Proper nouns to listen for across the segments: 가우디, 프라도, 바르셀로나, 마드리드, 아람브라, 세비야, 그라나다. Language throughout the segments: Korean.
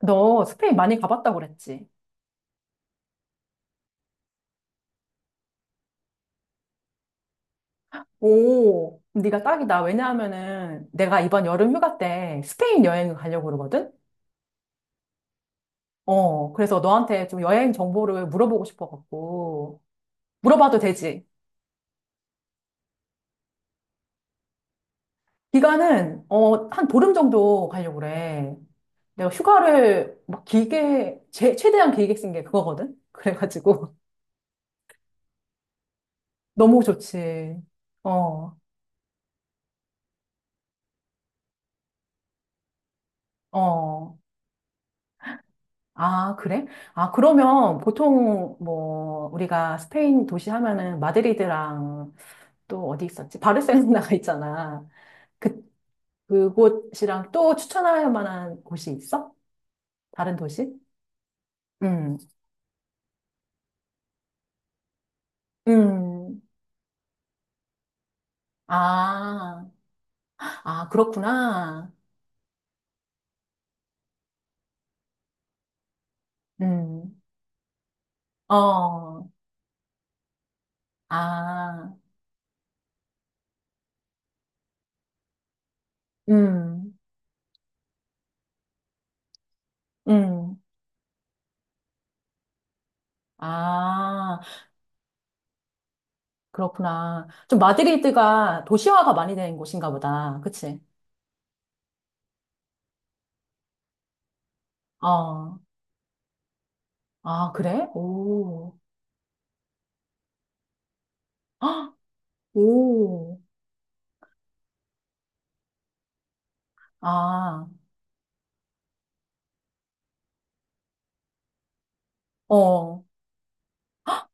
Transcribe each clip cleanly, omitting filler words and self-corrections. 너 스페인 많이 가봤다고 그랬지? 오, 네가 딱이다. 왜냐하면은 내가 이번 여름 휴가 때 스페인 여행을 가려고 그러거든? 그래서 너한테 좀 여행 정보를 물어보고 싶어갖고. 물어봐도 되지? 기간은 한 보름 정도 가려고 그래. 내가 휴가를 막 길게, 제, 최대한 길게 쓴 게 그거거든? 그래가지고. 너무 좋지. 어, 어. 아, 그래? 아, 그러면 보통 뭐 우리가 스페인 도시 하면은 마드리드랑 또 어디 있었지? 바르셀로나가 있잖아. 그 그곳이랑 또 추천할 만한 곳이 있어? 다른 도시? 음. 음. 아. 아, 그렇구나. 음. 어. 아. 음. 음. 아, 그렇구나. 좀 마드리드가 도시화가 많이 된 곳인가 보다. 그치? 어. 아, 그래? 오. 아, 오. 아, 어.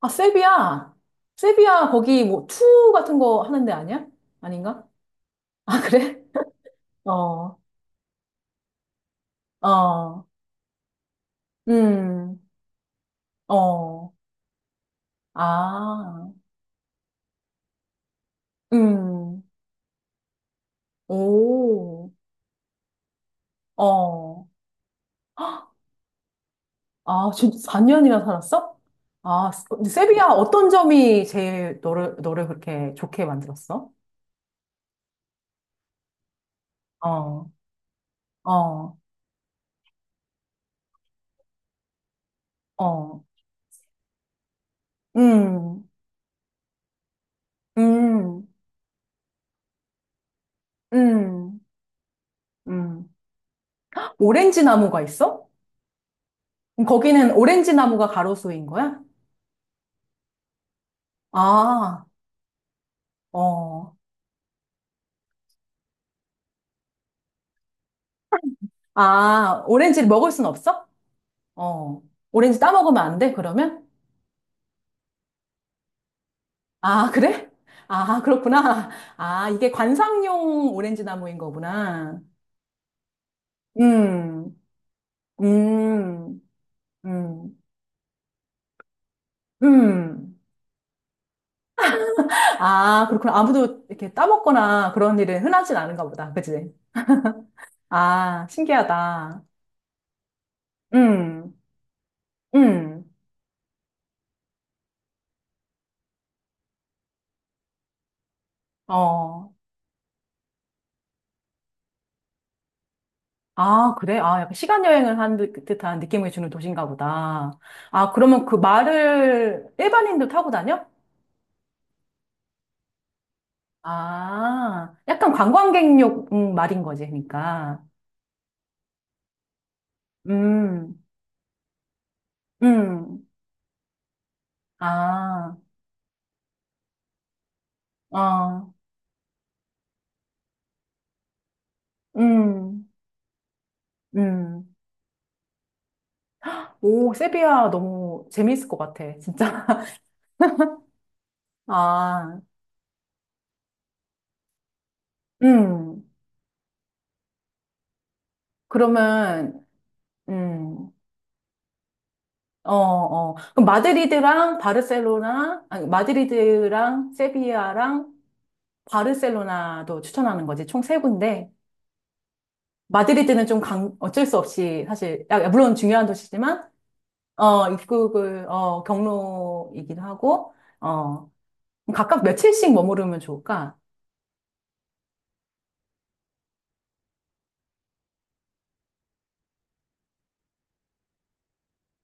아, 세비야. 세비야, 거기 뭐, 투 같은 거 하는 데 아니야? 아닌가? 아, 그래? 어, 어, 음, 어, 아, 음, 오, 어. 헉, 아, 진짜 4년이나 살았어? 아, 근데 세비야, 어떤 점이 제일 너를, 너를 그렇게 좋게 만들었어? 어, 어, 어. 음. 음, 음, 음. 오렌지 나무가 있어? 그럼 거기는 오렌지 나무가 가로수인 거야? 아, 어. 아, 오렌지를 먹을 순 없어? 어. 오렌지 따먹으면 안 돼, 그러면? 아, 그래? 아, 그렇구나. 아, 이게 관상용 오렌지 나무인 거구나. 음, 음, 음, 음. 아, 그렇구나. 아무도 이렇게 따먹거나 그런 일은 흔하진 않은가 보다. 그치? 아, 신기하다. 음. 음, 어. 아, 그래? 아, 약간 시간 여행을 한 듯한 느낌을 주는 도시인가 보다. 아, 그러면 그 말을 일반인도 타고 다녀? 아, 약간 관광객용 말인 거지, 그러니까. 음, 음, 아, 어, 음, 음. 오, 세비야 너무 재미있을 것 같아, 진짜. 아, 음. 그러면, 음. 어, 어. 그럼 마드리드랑 바르셀로나, 아니, 마드리드랑 세비야랑 바르셀로나도 추천하는 거지. 총 세 군데. 마드리드는 좀 강, 어쩔 수 없이 사실, 야, 물론 중요한 도시지만, 어, 입국을, 어, 경로이기도 하고, 어, 각각 며칠씩 머무르면 좋을까?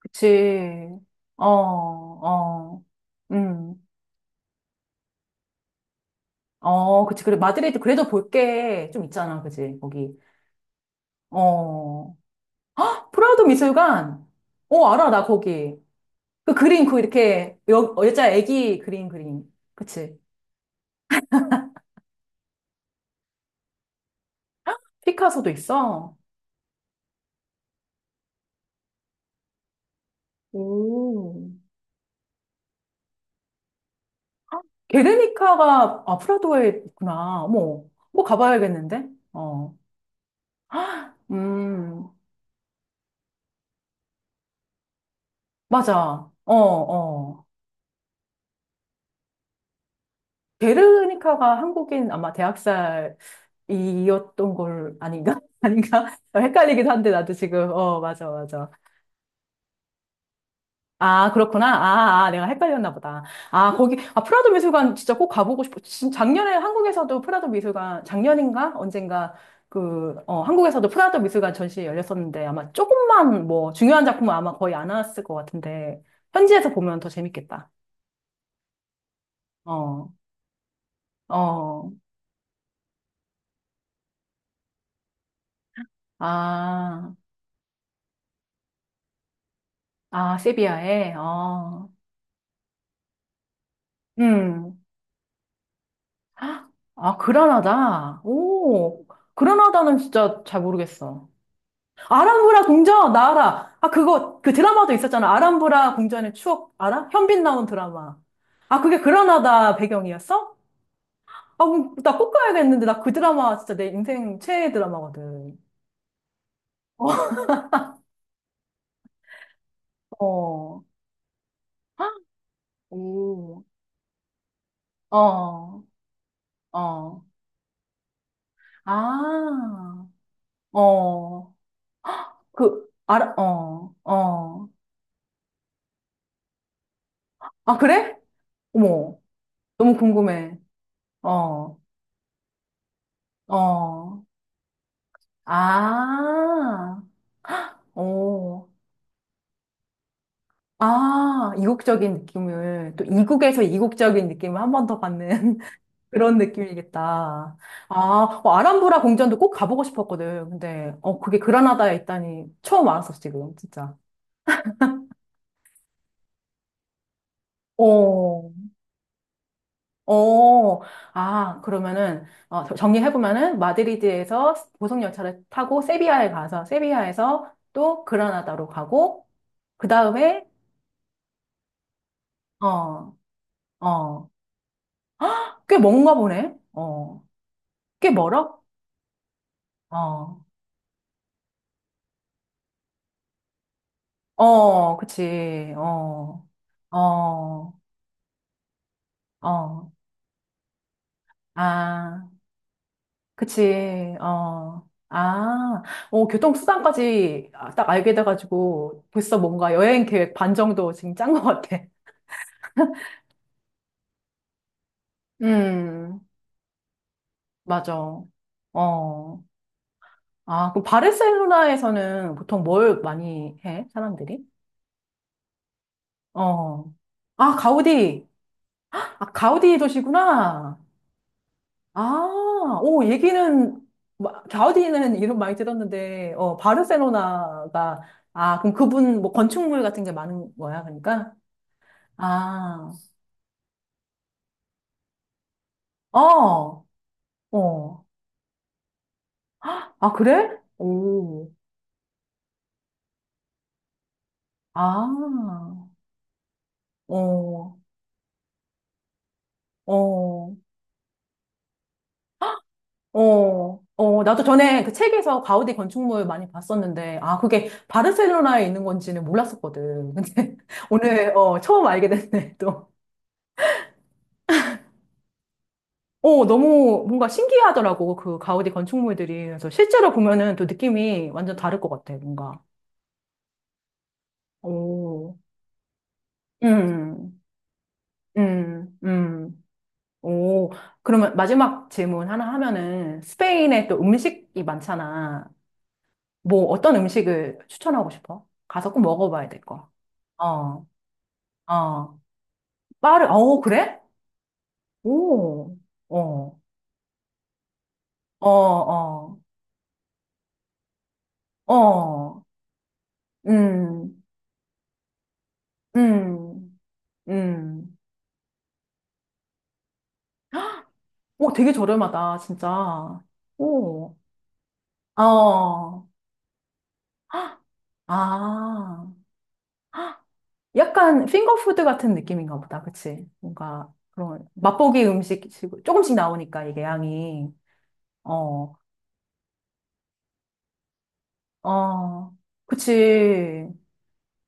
그치. 어, 어, 음, 어, 그치. 그래, 마드리드 그래도 볼 게 좀 있잖아. 그치. 거기. 어, 프라우드 미술관. 어, 알아, 나 거기. 그 그림, 그 이렇게, 여, 여자 애기 그림, 그림. 그치. 피카소도 있어. 오. 게르니카가, 아, 프라도에 있구나. 어머, 뭐 가봐야겠는데? 어. 음, 맞아. 어, 어. 게르니카가 한국인 아마 대학살이었던 걸 아닌가? 아닌가? 헷갈리긴 한데, 나도 지금. 어, 맞아, 맞아. 아, 그렇구나. 아, 아, 내가 헷갈렸나 보다. 아, 거기, 아, 프라도 미술관 진짜 꼭 가보고 싶어. 작년에 한국에서도 프라도 미술관, 작년인가? 언젠가, 그, 어, 한국에서도 프라도 미술관 전시 열렸었는데 아마 조금만 뭐, 중요한 작품은 아마 거의 안 나왔을 것 같은데, 현지에서 보면 더 재밌겠다. 어, 어, 아, 아, 세비야에, 어, 음. 아, 그라나다. 오, 그라나다는 진짜 잘 모르겠어. 아람브라 궁전, 나 알아. 아, 그거, 그 드라마도 있었잖아. 아람브라 궁전의 추억, 알아? 현빈 나온 드라마. 아, 그게 그라나다 배경이었어? 아, 나 꼭 가야겠는데. 나 그 드라마 진짜 내 인생 최애 드라마거든. 어, 오, 어, 어. 아, 어. 그, 알아, 어, 어. 아, 그래? 어머, 너무 궁금해. 어, 어. 아, 오. 아, 이국적인 느낌을, 또 이국에서 이국적인 느낌을 한 번 더 받는 그런 느낌이겠다. 아, 어, 아람브라 궁전도 꼭 가보고 싶었거든. 근데, 어, 그게 그라나다에 있다니 처음 알았어, 지금, 진짜. 어, 어, 아, 그러면은, 어, 정리해보면은, 마드리드에서 고속열차를 타고 세비야에 가서, 세비야에서 또 그라나다로 가고, 그 다음에, 어, 어, 꽤 먼가 보네. 어, 꽤 멀어? 어. 어, 그치. 어, 어, 어, 아, 그치. 어, 아, 어, 교통수단까지 딱 알게 돼가지고 벌써 뭔가 여행 계획 반 정도 지금 짠 것 같아. 음, 맞아. 어, 아, 그럼 바르셀로나에서는 보통 뭘 많이 해, 사람들이? 어, 아, 가우디. 아, 가우디 도시구나. 아, 오, 얘기는, 가우디는 이름 많이 들었는데, 어, 바르셀로나가, 아, 그럼 그분 뭐 건축물 같은 게 많은 거야, 그러니까? 아, 어, 어. 아, 그래? 오, 아, 어, 어, 어, 어. 나도 전에 그 책에서 가우디 건축물 많이 봤었는데, 아, 그게 바르셀로나에 있는 건지는 몰랐었거든. 근데 오늘, 어, 처음 알게 됐네, 또. 어, 너무 뭔가 신기하더라고, 그 가우디 건축물들이. 그래서 실제로 보면은 또 느낌이 완전 다를 것 같아, 뭔가. 오, 음, 음, 음. 오, 그러면 마지막 질문 하나 하면은 스페인에 또 음식이 많잖아. 뭐 어떤 음식을 추천하고 싶어? 가서 꼭 먹어봐야 될 거. 어, 어. 빠르, 어, 그래? 오, 어, 어, 어, 어, 음, 음, 음. 오, 되게 저렴하다, 진짜. 오, 어, 헉, 아, 헉, 약간 핑거푸드 같은 느낌인가 보다, 그치? 뭔가 그런 맛보기 음식 조금씩 나오니까 이게 양이, 어, 어, 그치.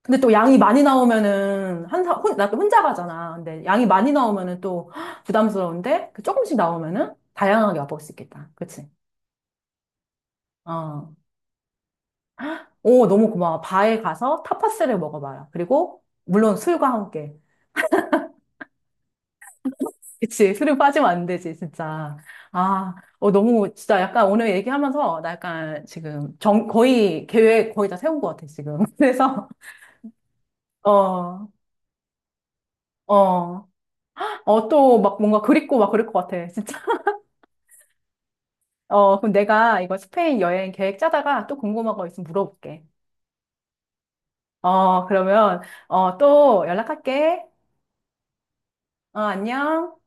근데 또 양이 많이 나오면은 한 사, 혼, 나 혼자 가잖아. 근데 양이 많이 나오면은 또 헉, 부담스러운데 그 조금씩 나오면은 다양하게 맛볼 수 있겠다, 그치? 어, 오, 너무 고마워. 바에 가서 타파스를 먹어봐요. 그리고, 물론 술과 함께. 그치, 술은 빠지면 안 되지, 진짜. 아, 어, 너무, 진짜 약간 오늘 얘기하면서, 나 약간 지금, 정, 거의, 계획 거의 다 세운 것 같아, 지금. 그래서, 어, 어, 어, 또 막 뭔가 그립고 막 그럴 것 같아, 진짜. 어, 그럼 내가 이거 스페인 여행 계획 짜다가 또 궁금한 거 있으면 물어볼게. 어, 그러면, 어, 또 연락할게. 어, 안녕.